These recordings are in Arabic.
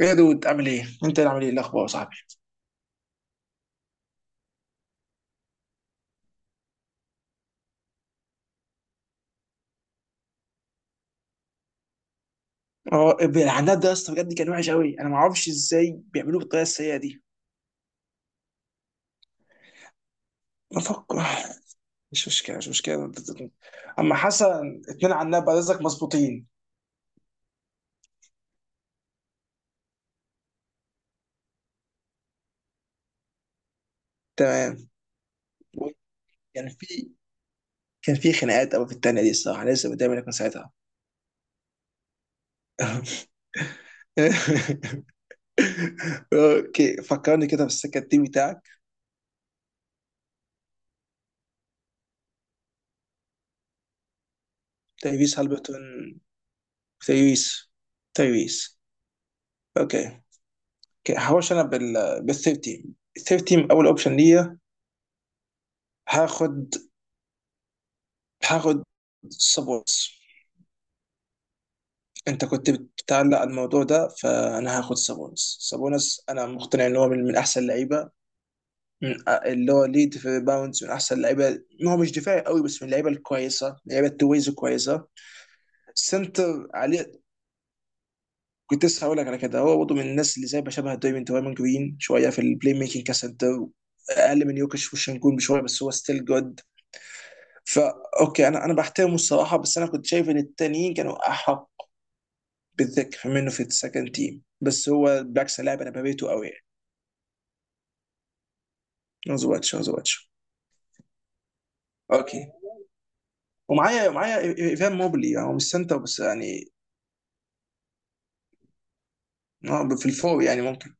ايه يا دود، عامل ايه؟ انت اللي عامل ايه؟ إيه الاخبار يا صاحبي؟ اه، العناد ده يا اسطى بجد كان وحش قوي. انا ما اعرفش ازاي بيعملوه بالطريقه السيئه دي. بفكر. مش مشكله، مش مشكله. اما حسن اتنين عناد بعد اذنك مظبوطين. تمام. كان في كان في خناقات قوي في التانية دي الصراحه، أنا لسه قدامي لكن ساعتها. اوكي، فكرني كده في السكه التيم بتاعك. تايريس هالبرتون. تايريس. تايريس. اوكي. اوكي، هخش انا بال 13. 13 اول اوبشن ليا. هاخد. هاخد سابونس. انت كنت بتعلق الموضوع ده، فانا هاخد سابونس. سابونس انا مقتنع ان هو من احسن اللعيبه. من اللي هو ليد في باونز، من احسن اللعيبه. هو مش دفاعي قوي بس من اللعيبه الكويسه، لعيبه تويز كويسه. سنتر عليه. كنت لسه هقول لك على كده، هو برضه من الناس اللي زي بشبه دايموند جرين شويه في البلاي ميكنج كسنتر. اقل من يوكش وشنجون بشويه بس هو ستيل جود. فا اوكي، انا بحترمه الصراحه بس انا كنت شايف ان التانيين كانوا احق. بالذات كمان انه في السكند تيم. بس هو بالعكس لاعب انا بابيته قوي. يعني زواتش، زواتش. اوكي، ومعايا معايا ايفان موبلي. يعني هو مش سنتر بس يعني في الفور يعني ممكن.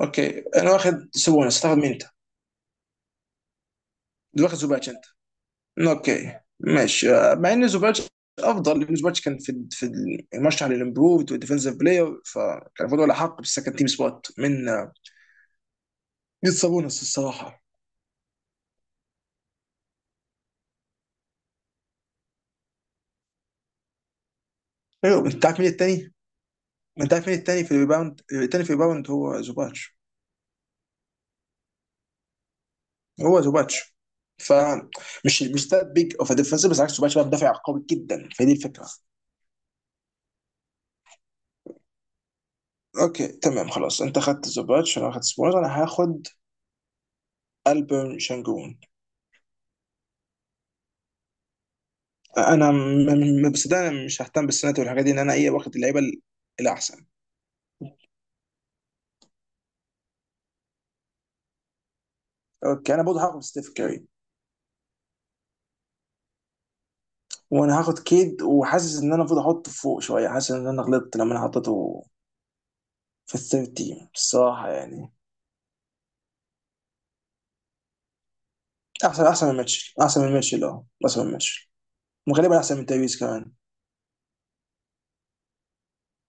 اوكي، انا واخد سوبونس. تاخد مين انت؟ واخد زوباتش انت. اوكي ماشي. مع ان زوباتش افضل لان زوباتش كان في المرشح للامبروفد والديفنسيف بلاير، فكان المفروض ولا حق بالسكند تيم سبوت من من سابونس الصراحه. ايوه، انت عارف مين التاني؟ انت عارف مين التاني في الريباوند؟ التاني في الريباوند هو زوباتش. هو زوباتش. فمش مش ده بيج اوف ديفنس بس عكس زوباتش بقى مدافع قوي جدا، فدي الفكره. اوكي تمام خلاص، انت خدت زوباتش انا اخدت سبوز. انا هاخد البرن شانجون. انا بس ده انا مش ههتم بالسنات والحاجات دي. ان انا ايه واخد اللعيبه الاحسن. اوكي، انا برضه هاخد ستيف كاري. وانا هاخد كيد، وحاسس ان انا المفروض احطه فوق شويه. حاسس ان انا غلطت لما انا حطيته في الثيرد تيم الصراحه يعني. احسن، احسن من ميتشل. احسن من ميتشل. اه احسن من ميتشل. وغالبا احسن من تايويز كمان.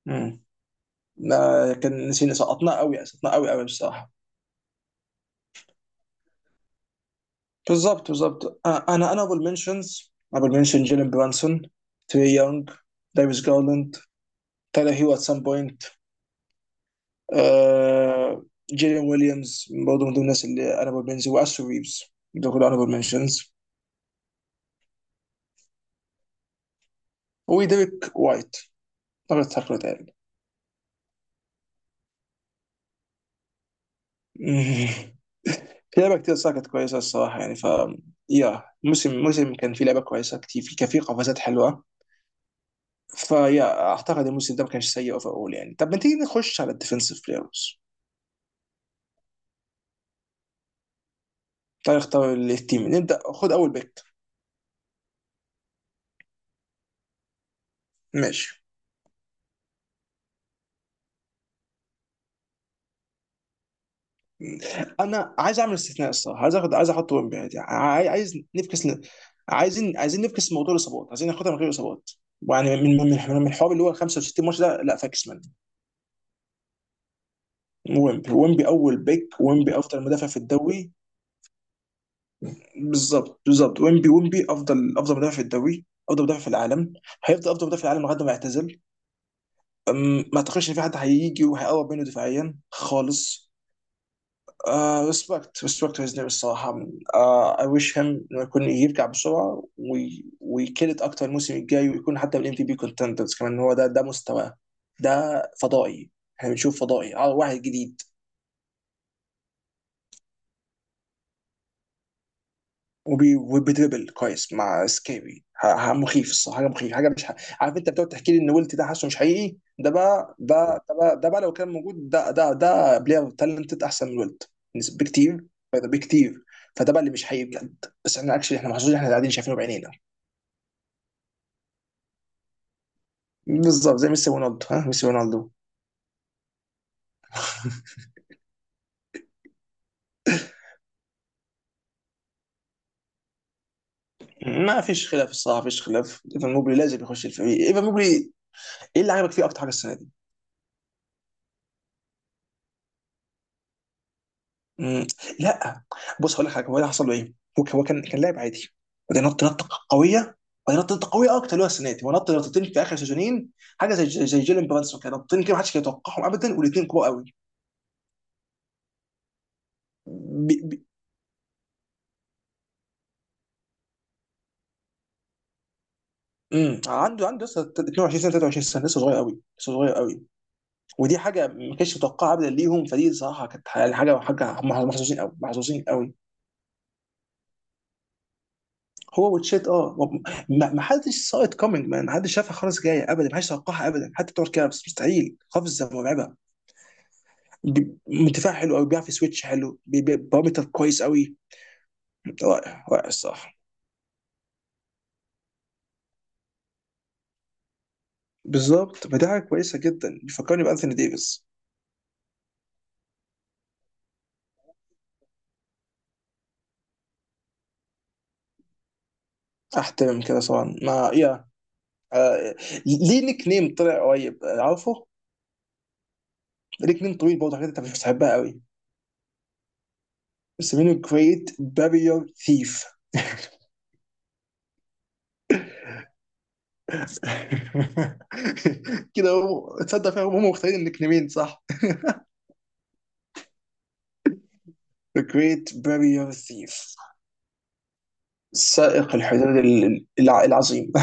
مم. ما كان نسينا، سقطناه قوي، سقطناه قوي قوي بصراحه. بالظبط، بالظبط. انا ابل منشنز ابل منشن جيلن برانسون، تري يونغ، دايفيس جارلاند، تايلر هيو ات سام بوينت. جيلين ويليامز برضه من ضمن الناس اللي انا ابل منشنز، واسو ريفز. دول كلهم انا ابل منشنز. وديريك وايت. طبعا تاكلوا تاني. في لعبه كتير صراحه كانت كويسه الصراحه يعني يا موسم، موسم كان في لعبه كويسه كتير كان في قفزات حلوه. فيا اعتقد الموسم ده ما كانش سيء اوفر اول يعني. طب ما تيجي نخش على الديفنسيف بلايرز. تعالى اختار التيم، نبدا، خد اول بيك. ماشي. انا عايز اعمل استثناء الصراحه، عايز اخد، عايز احط ويمبي عادي. عايز نفكس عايزين نفكس موضوع الاصابات. عايزين ناخدها من غير اصابات. يعني من الحوار اللي هو 65 ماتش ده، لا فاكس منه. ويمبي، ويمبي اول بيك. ويمبي افضل مدافع في الدوري. بالظبط، بالظبط. ويمبي، ويمبي افضل، افضل مدافع في الدوري، افضل مدافع في العالم. هيفضل افضل مدافع في العالم لغايه ما يعتزل. ما اعتقدش ان في حد هيجي وهيقرب منه دفاعيا خالص. ريسبكت ريسبكت هيز نيم الصراحه. اي ويش هيم انه يكون يرجع بسرعه، ويكلت اكتر الموسم الجاي، ويكون حتى من ام في بي كونتندرز كمان. هو ده مستواه. ده فضائي. احنا بنشوف فضائي واحد جديد. وبيدربل كويس مع سكيبي. مخيف الصراحه، حاجه مخيف، حاجه مش عارف انت بتقعد تحكي لي ان ويلت ده حاسه مش حقيقي. ده بقى ده بقى ده بقى لو كان موجود ده بلاير تالنتد احسن من ويلت بكتير. فده بكتير. فده بقى اللي مش حقيقي بجد، بس احنا اكشلي احنا محظوظين، احنا قاعدين شايفينه بعينينا. بالظبط زي ميسي رونالدو، ها ميسي رونالدو. ما فيش خلاف الصراحه، ما فيش خلاف. ايفان موبلي لازم يخش الفريق. ايفان موبلي، ايه اللي عجبك فيه اكتر حاجه السنه دي؟ مم. لا. بص هقول لك حاجه، هو ده حصل له ايه؟ هو كان لاعب عادي. وبعدين نط نطه قويه. وبعدين نط نطه قويه اكتر، اللي هو السنه دي هو نط نطتين في اخر سيزونين. حاجه زي جيلن برانسون كده، نطتين كده محدش كان يتوقعهم ابدا، والاثنين كبار قوي. بي بي مم. عنده لسه 22 سنه، 23 سنه، لسه صغير قوي. لسه صغير قوي. ودي حاجه ما كانتش متوقعه ابدا ليهم، فدي صراحه كانت يعني حاجه، حاجه هم محظوظين قوي، محظوظين قوي. هو وتشيت اه. ما حدش ساق ات كومينج مان، ما حدش شافها خالص جايه ابدا، ما حدش توقعها ابدا حتى بتوع الكابس. مستحيل، قفزه مرعبه. دفاع حلو قوي، بيعرف يسويتش حلو، بارامتر كويس قوي. رائع، رائع الصراحه. بالظبط، فدي حاجه كويسه جدا، بيفكرني بانثوني ديفيس. احترم كده طبعا، ما يا. آه، ليه نيك نيم طلع قريب؟ عارفه، نيك نيم طويل برضه حاجات انت مش بتحبها قوي. بس منه جريت بارير ثيف. كده هو تصدق فيها، هم مختارين النيك نيمين صح. The Great Barrier Reef. سائق الحدود العظيم.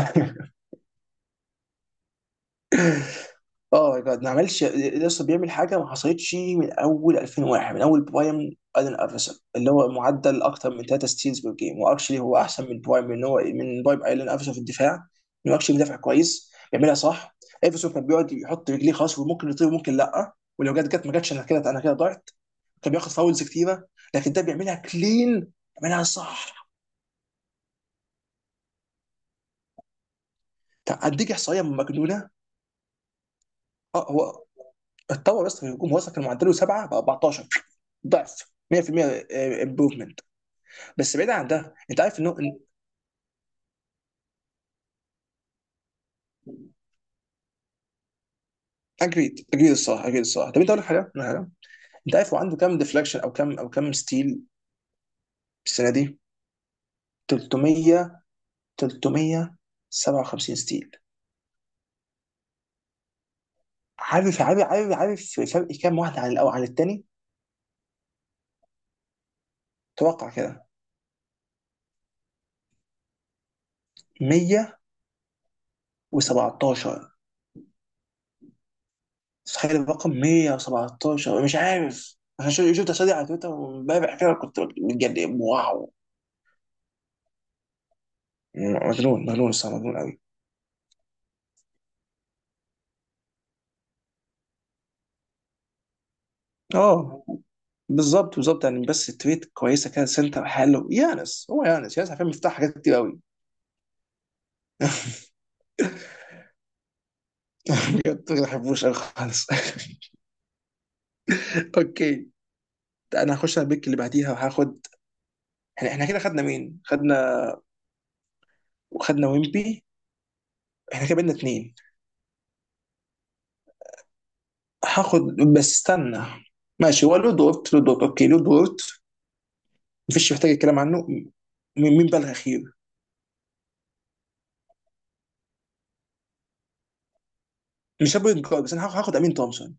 اه، ده ما عملش لسه. بيعمل حاجه ما حصلتش من اول 2001، من اول برايم ادن افرسون. اللي هو معدل اكتر من 3 ستيلز بير جيم، واكشلي هو احسن من برايم، من برايم ايلان افرسون في الدفاع. انه اكشلي بيدافع كويس، بيعملها صح. افرسون كان بيقعد يحط رجليه خلاص، وممكن يطير، وممكن لا، ولو جت جت ما جاتش انا كده انا كده ضعت. كان بياخد فاولز كتيره. لكن ده بيعملها كلين. بيعملها صح. طب اديك احصائيه مجنونه. اه، هو اتطور بس في الهجوم. وصل كان معدله 7 ب 14، ضعف. 100% امبروفمنت. بس بعيد عن ده، انت عارف انه، اجريد، اجريد الصراحه. اجريد الصراحه. طب انت اقول لك حاجه، أقول لك حاجة. انت عارف هو عنده كام ديفلكشن او كام ستيل السنه دي؟ 300. 357 ستيل. عارف عارف عارف عارف فرق كام واحد عن الاول عن التاني. توقع كده. 117. تخيل الرقم، 117. مش عارف انا شفت الأسئلة دي على تويتر وامبارح كده كنت متجنن. واو. مجنون مجنون الصراحة، مجنون قوي. اه، بالظبط، بالظبط يعني، بس تويت كويسه كده. سنتر حلو يانس، هو يانس، يانس عارفين مفتاح حاجات كتير قوي. بجد، ما بحبوش قوي خالص. اوكي، انا هخش على البيك اللي بعديها وهاخد. احنا كده خدنا مين؟ خدنا وخدنا ويمبي. احنا كده بقينا اتنين. هاخد، بس استنى. ماشي، هو لود وورت، لود وورت. اوكي، لود وورت. مفيش محتاج الكلام عنه. مين بقى الاخير. مش هاخد انكار، بس انا هاخد امين تومسون.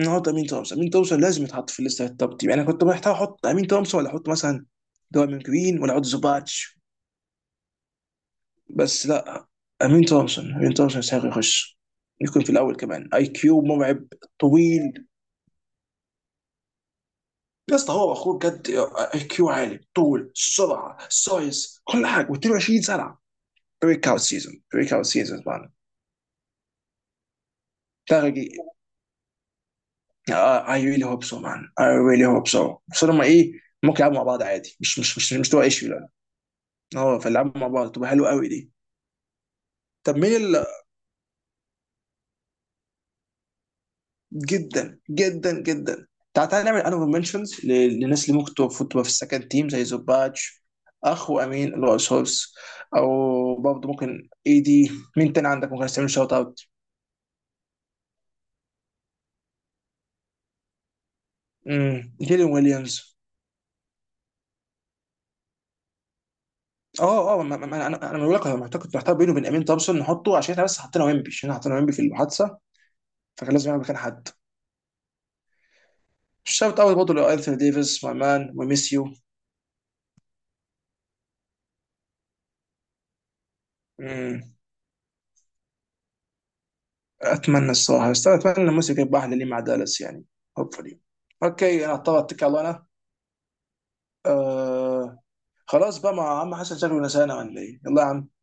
انا هاخد امين تومسون. امين تومسون لازم يتحط في الليسته التوب تيم يعني. انا كنت محتاج احط امين تومسون، ولا احط مثلا دوامين جرين، ولا احط زوباتش. بس لا. امين تومسون، امين تومسون يستحق يخش، يكون في الاول كمان. اي كيو مرعب. طويل. يا اسطى، هو اخوه بجد. اي كيو عالي، طول، سرعه، سايز، كل حاجه و22 سنه. بريك اوت سيزون، بريك اوت سيزون طبعا. ده اي ريلي هوب سو مان. اي ريلي هوب سو بس هما ايه. ممكن يلعبوا مع بعض عادي، مش تبقى ايشيو، لا. اه، فيلعبوا مع بعض تبقى حلوه قوي دي. طب مين. جدا جدا جدا. تعال تعال نعمل انوفر منشنز للناس اللي ممكن تبقى في السكند تيم زي زوباتش. اخو امين اللي هو سولس. او برضه ممكن اي دي. مين تاني عندك ممكن تعمل شوت اوت؟ جيلين ويليامز. اه اه، انا بقول لك انا محتاج، كنت محتار بينه وبين امين تومسون نحطه، عشان احنا بس حطينا ويمبي، عشان احنا حطينا ويمبي في المحادثه. فكان لازم يعمل مكان حد. شوت اوت برضه لانثوني ديفيس، ماي مان وي ميس يو. مم. اتمنى الصراحه، بس أنا اتمنى الموسم يكون باحلى لي مع دالاس يعني، هوبفلي. اوكي، انا اضطر اتكل على انا. آه. خلاص بقى، ما عم حسن شكله نسانا ولا ايه، يلا يا عم.